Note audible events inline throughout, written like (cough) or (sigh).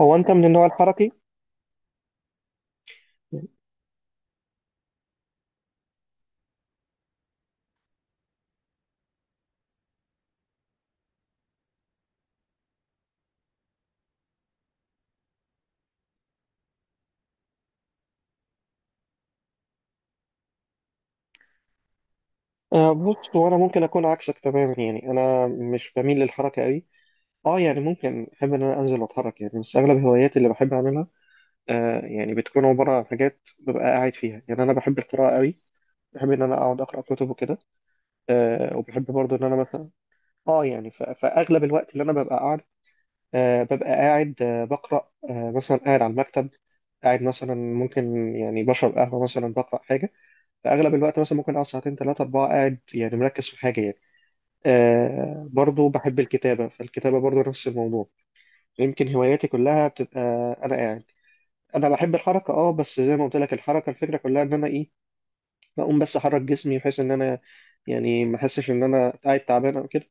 هو انت من النوع الحركي؟ آه، بص، هو انا ممكن اكون عكسك تماما، يعني انا مش بميل للحركه قوي. اه يعني ممكن احب ان انا انزل واتحرك يعني، بس اغلب هواياتي اللي بحب اعملها يعني بتكون عباره عن حاجات ببقى قاعد فيها، يعني انا بحب القراءه قوي. بحب ان انا اقعد اقرا كتب وكده. وبحب برضو ان انا مثلا اه يعني فاغلب الوقت اللي انا ببقى قاعد، ببقى قاعد، بقرا، مثلا قاعد على المكتب، قاعد مثلا، ممكن يعني بشرب قهوه مثلا، بقرا حاجه. فاغلب الوقت مثلا ممكن اقعد ساعتين ثلاثه اربعه قاعد يعني، مركز في حاجه يعني. برضو بحب الكتابه، فالكتابه برضو نفس الموضوع. يمكن هواياتي كلها بتبقى انا قاعد. انا بحب الحركه بس زي ما قلت لك الحركه، الفكره كلها ان انا ايه، بقوم بس احرك جسمي بحيث ان انا يعني ما احسش ان انا قاعد تعبان او كده.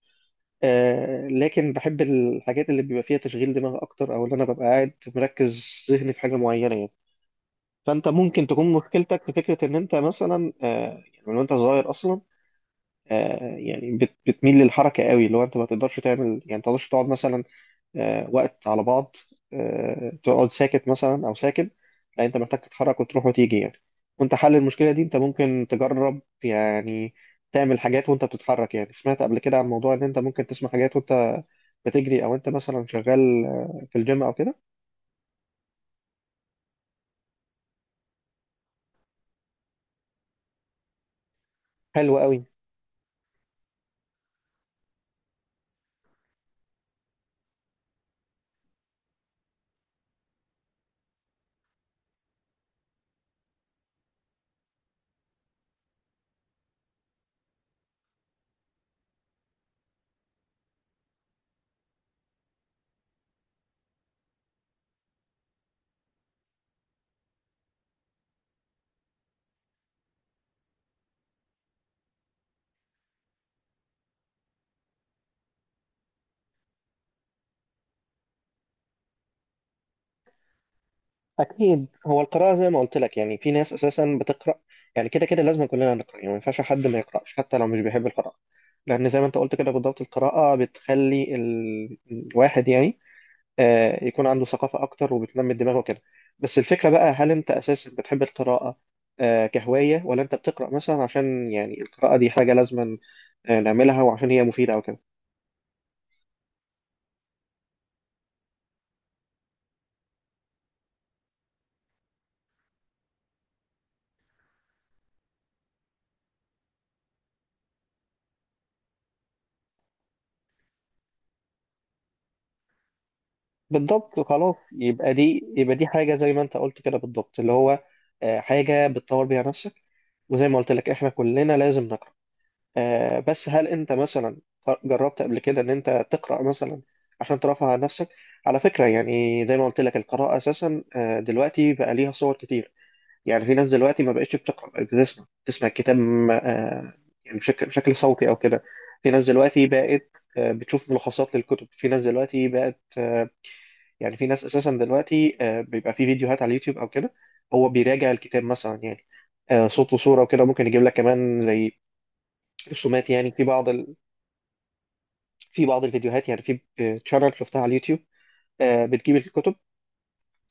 لكن بحب الحاجات اللي بيبقى فيها تشغيل دماغ اكتر، او ان انا ببقى قاعد مركز ذهني في حاجه معينه يعني. فانت ممكن تكون مشكلتك في فكره، ان انت مثلا يعني من وانت صغير اصلا يعني بتميل للحركة قوي، اللي هو انت ما تقدرش تعمل، يعني ما تقدرش تقعد مثلا وقت على بعض، تقعد ساكت مثلا او ساكن. لا، انت محتاج تتحرك وتروح وتيجي يعني. وانت حل المشكلة دي، انت ممكن تجرب يعني، تعمل حاجات وانت بتتحرك. يعني سمعت قبل كده عن موضوع ان انت ممكن تسمع حاجات وانت بتجري، او انت مثلا شغال في الجيم او كده. حلو قوي. اكيد، هو القراءه زي ما قلت لك، يعني في ناس اساسا بتقرا، يعني كده كده لازم كلنا نقرا، يعني ما ينفعش حد ما يقراش حتى لو مش بيحب القراءه. لان زي ما انت قلت كده بالضبط، القراءه بتخلي الواحد يعني يكون عنده ثقافه اكتر وبتنمي دماغه كده. بس الفكره بقى، هل انت اساسا بتحب القراءه كهوايه، ولا انت بتقرا مثلا عشان يعني القراءه دي حاجه لازم نعملها وعشان هي مفيده او كده؟ بالضبط، خلاص، يبقى دي حاجة زي ما انت قلت كده بالضبط، اللي هو حاجة بتطور بيها نفسك. وزي ما قلت لك احنا كلنا لازم نقرأ، بس هل انت مثلا جربت قبل كده ان انت تقرأ مثلا عشان ترفع عن نفسك؟ على فكرة، يعني زي ما قلت لك القراءة اساسا دلوقتي بقى ليها صور كتير. يعني في ناس دلوقتي ما بقتش بتقرأ، بقت بتسمع الكتاب يعني بشكل صوتي او كده. في ناس دلوقتي بقت بتشوف ملخصات للكتب، في ناس دلوقتي بقت يعني في ناس اساسا دلوقتي بيبقى في فيديوهات على اليوتيوب او كده، هو بيراجع الكتاب مثلا يعني، صوت وصوره وكده، ممكن يجيب لك كمان زي رسومات. يعني في بعض الفيديوهات يعني، في تشانل شفتها على اليوتيوب، بتجيب الكتب،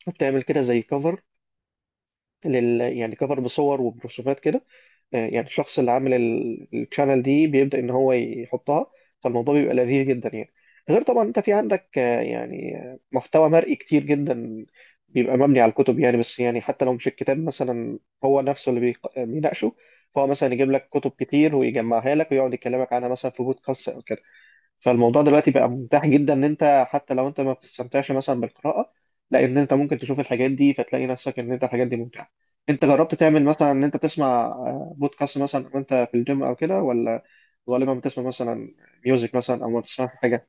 وبتعمل كده زي كفر يعني كفر بصور وبرسومات كده. يعني الشخص اللي عامل الشانل دي بيبدأ ان هو يحطها، فالموضوع بيبقى لذيذ جدا يعني. غير طبعا انت في عندك يعني محتوى مرئي كتير جدا بيبقى مبني على الكتب، يعني، بس يعني حتى لو مش الكتاب مثلا هو نفسه اللي بيناقشه، فهو مثلا يجيب لك كتب كتير ويجمعها لك ويقعد يكلمك عنها مثلا في بودكاست او كده. فالموضوع دلوقتي بقى متاح جدا، ان انت حتى لو انت ما بتستمتعش مثلا بالقراءة، لا، ان انت ممكن تشوف الحاجات دي فتلاقي نفسك ان انت الحاجات دي ممتعة. انت جربت تعمل مثلا ان انت تسمع بودكاست مثلا وانت في الجيم او كده، ولا غالبا بتسمع مثلا ميوزك مثلا، او ما بتسمعش حاجة؟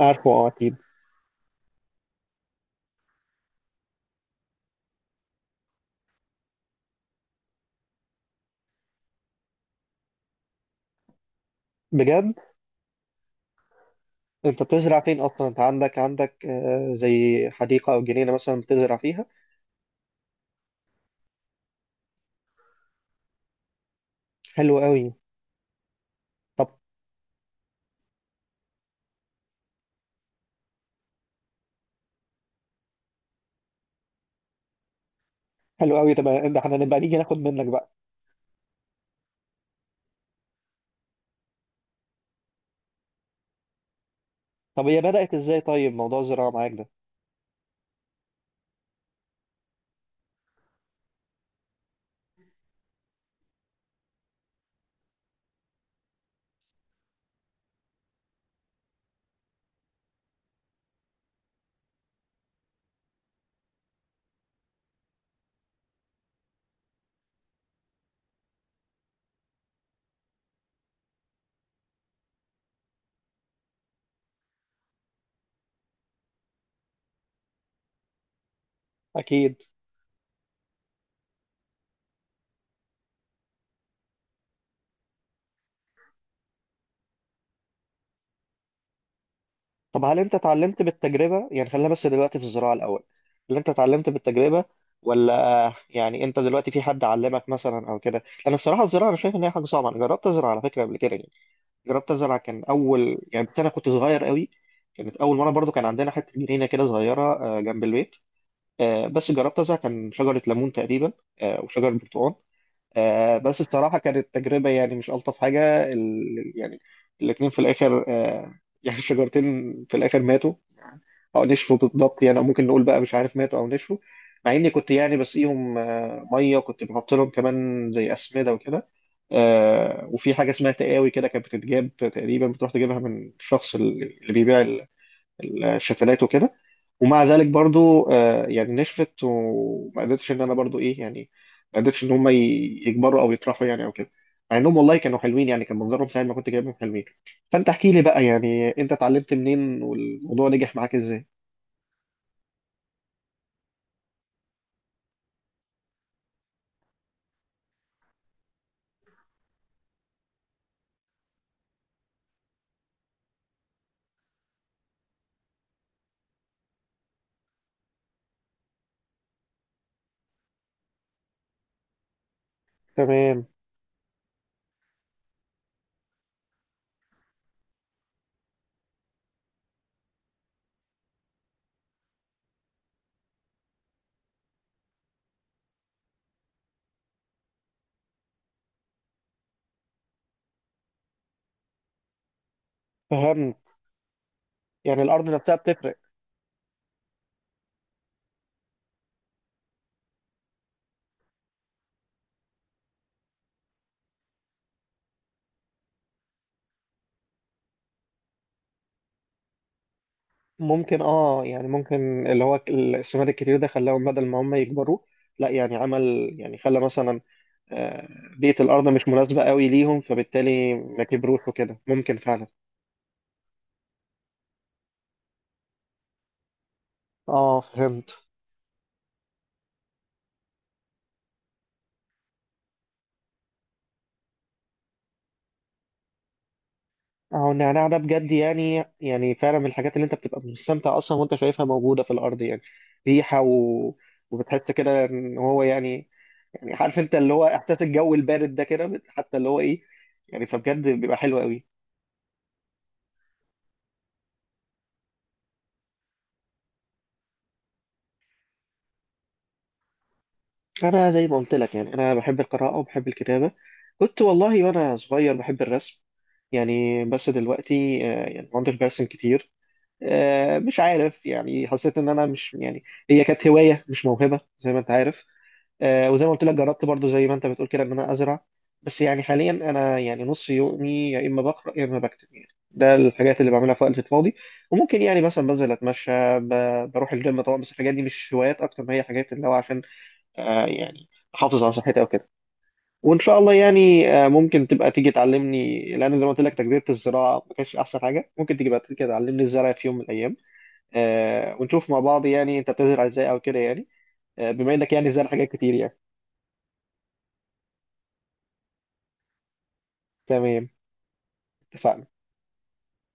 عارفه، اه، اكيد. بجد؟ انت بتزرع فين اصلا؟ انت عندك زي حديقه او جنينه مثلا بتزرع فيها؟ حلو قوي، طب. حلو قوي، طب، ده احنا نبقى نيجي ناخد منك بقى. طب هي بدأت ازاي طيب، موضوع الزراعه معاك ده؟ اكيد. طب هل انت اتعلمت بالتجربة؟ يعني خلينا بس دلوقتي في الزراعة الأول، هل انت اتعلمت بالتجربة، ولا يعني انت دلوقتي في حد علمك مثلا او كده؟ انا الصراحة الزراعة انا شايف ان هي حاجة صعبة. انا جربت ازرع على فكرة قبل كده يعني، جربت ازرع كان اول، يعني انا كنت صغير قوي، كانت اول مرة برضو، كان عندنا حتة جنينة كده صغيرة جنب البيت، بس جربت ازرع، كان شجرة ليمون تقريبا، وشجرة برتقال، بس الصراحة كانت تجربة يعني مش ألطف حاجة، يعني الاتنين في الآخر يعني (laughs) الشجرتين في الآخر ماتوا، او نشفوا بالضبط، يعني، او ممكن نقول بقى، مش عارف، ماتوا او نشفوا. مع اني كنت يعني بسقيهم ميه، وكنت بحط لهم كمان زي اسمده وكده، وفي حاجه اسمها تقاوي كده، كانت بتتجاب تقريبا، بتروح تجيبها من الشخص اللي بيبيع الشتلات وكده. ومع ذلك برضو يعني نشفت، وما قدرتش ان انا برضو ايه يعني، ما قدرتش ان هم يكبروا او يطرحوا يعني او كده، مع انهم والله كانوا حلوين يعني، كان منظرهم ساعه ما كنت جايبهم حلوين. فانت احكي لي بقى، يعني انت اتعلمت منين، والموضوع نجح معاك ازاي؟ تمام. فهمت. يعني الارض نفسها بتفرق. ممكن، اه، يعني ممكن اللي هو السماد الكتير ده خلاهم بدل ما هم يكبروا، لا يعني، عمل يعني، خلى مثلا آه، بيئة الارض مش مناسبة قوي ليهم، فبالتالي ما كبروش وكده، ممكن فعلا. اه، فهمت. اه، النعناع ده بجد يعني فعلا من الحاجات اللي انت بتبقى مستمتع اصلا وانت شايفها موجودة في الارض، يعني ريحة وبتحس كده ان هو يعني عارف انت اللي هو احساس الجو البارد ده كده، حتى اللي هو ايه، يعني فبجد بيبقى حلو قوي. انا زي ما قلت لك، يعني انا بحب القراءه وبحب الكتابه، كنت والله وانا صغير بحب الرسم، يعني، بس دلوقتي يعني ما عدتش برسم كتير، مش عارف يعني، حسيت ان انا مش يعني، هي كانت هوايه مش موهبه زي ما انت عارف. وزي ما قلت لك جربت برضو زي ما انت بتقول كده ان انا ازرع، بس يعني حاليا انا يعني نص يومي يا اما بقرا يا اما بكتب يعني، ده الحاجات اللي بعملها في وقت الفاضي. وممكن يعني مثلا بنزل اتمشى، بروح الجيم طبعا، بس الحاجات دي مش هوايات اكتر ما هي حاجات اللي هو عشان يعني احافظ على صحتي او كده. وان شاء الله يعني ممكن تبقى تيجي تعلمني، لان زي ما قلت لك تجربه الزراعه ما كانتش احسن حاجه، ممكن تيجي بقى تيجي تعلمني الزرع في يوم من الايام، ونشوف مع بعض، يعني انت بتزرع ازاي او كده يعني، بما انك يعني زرع حاجات كتير يعني. تمام، اتفقنا.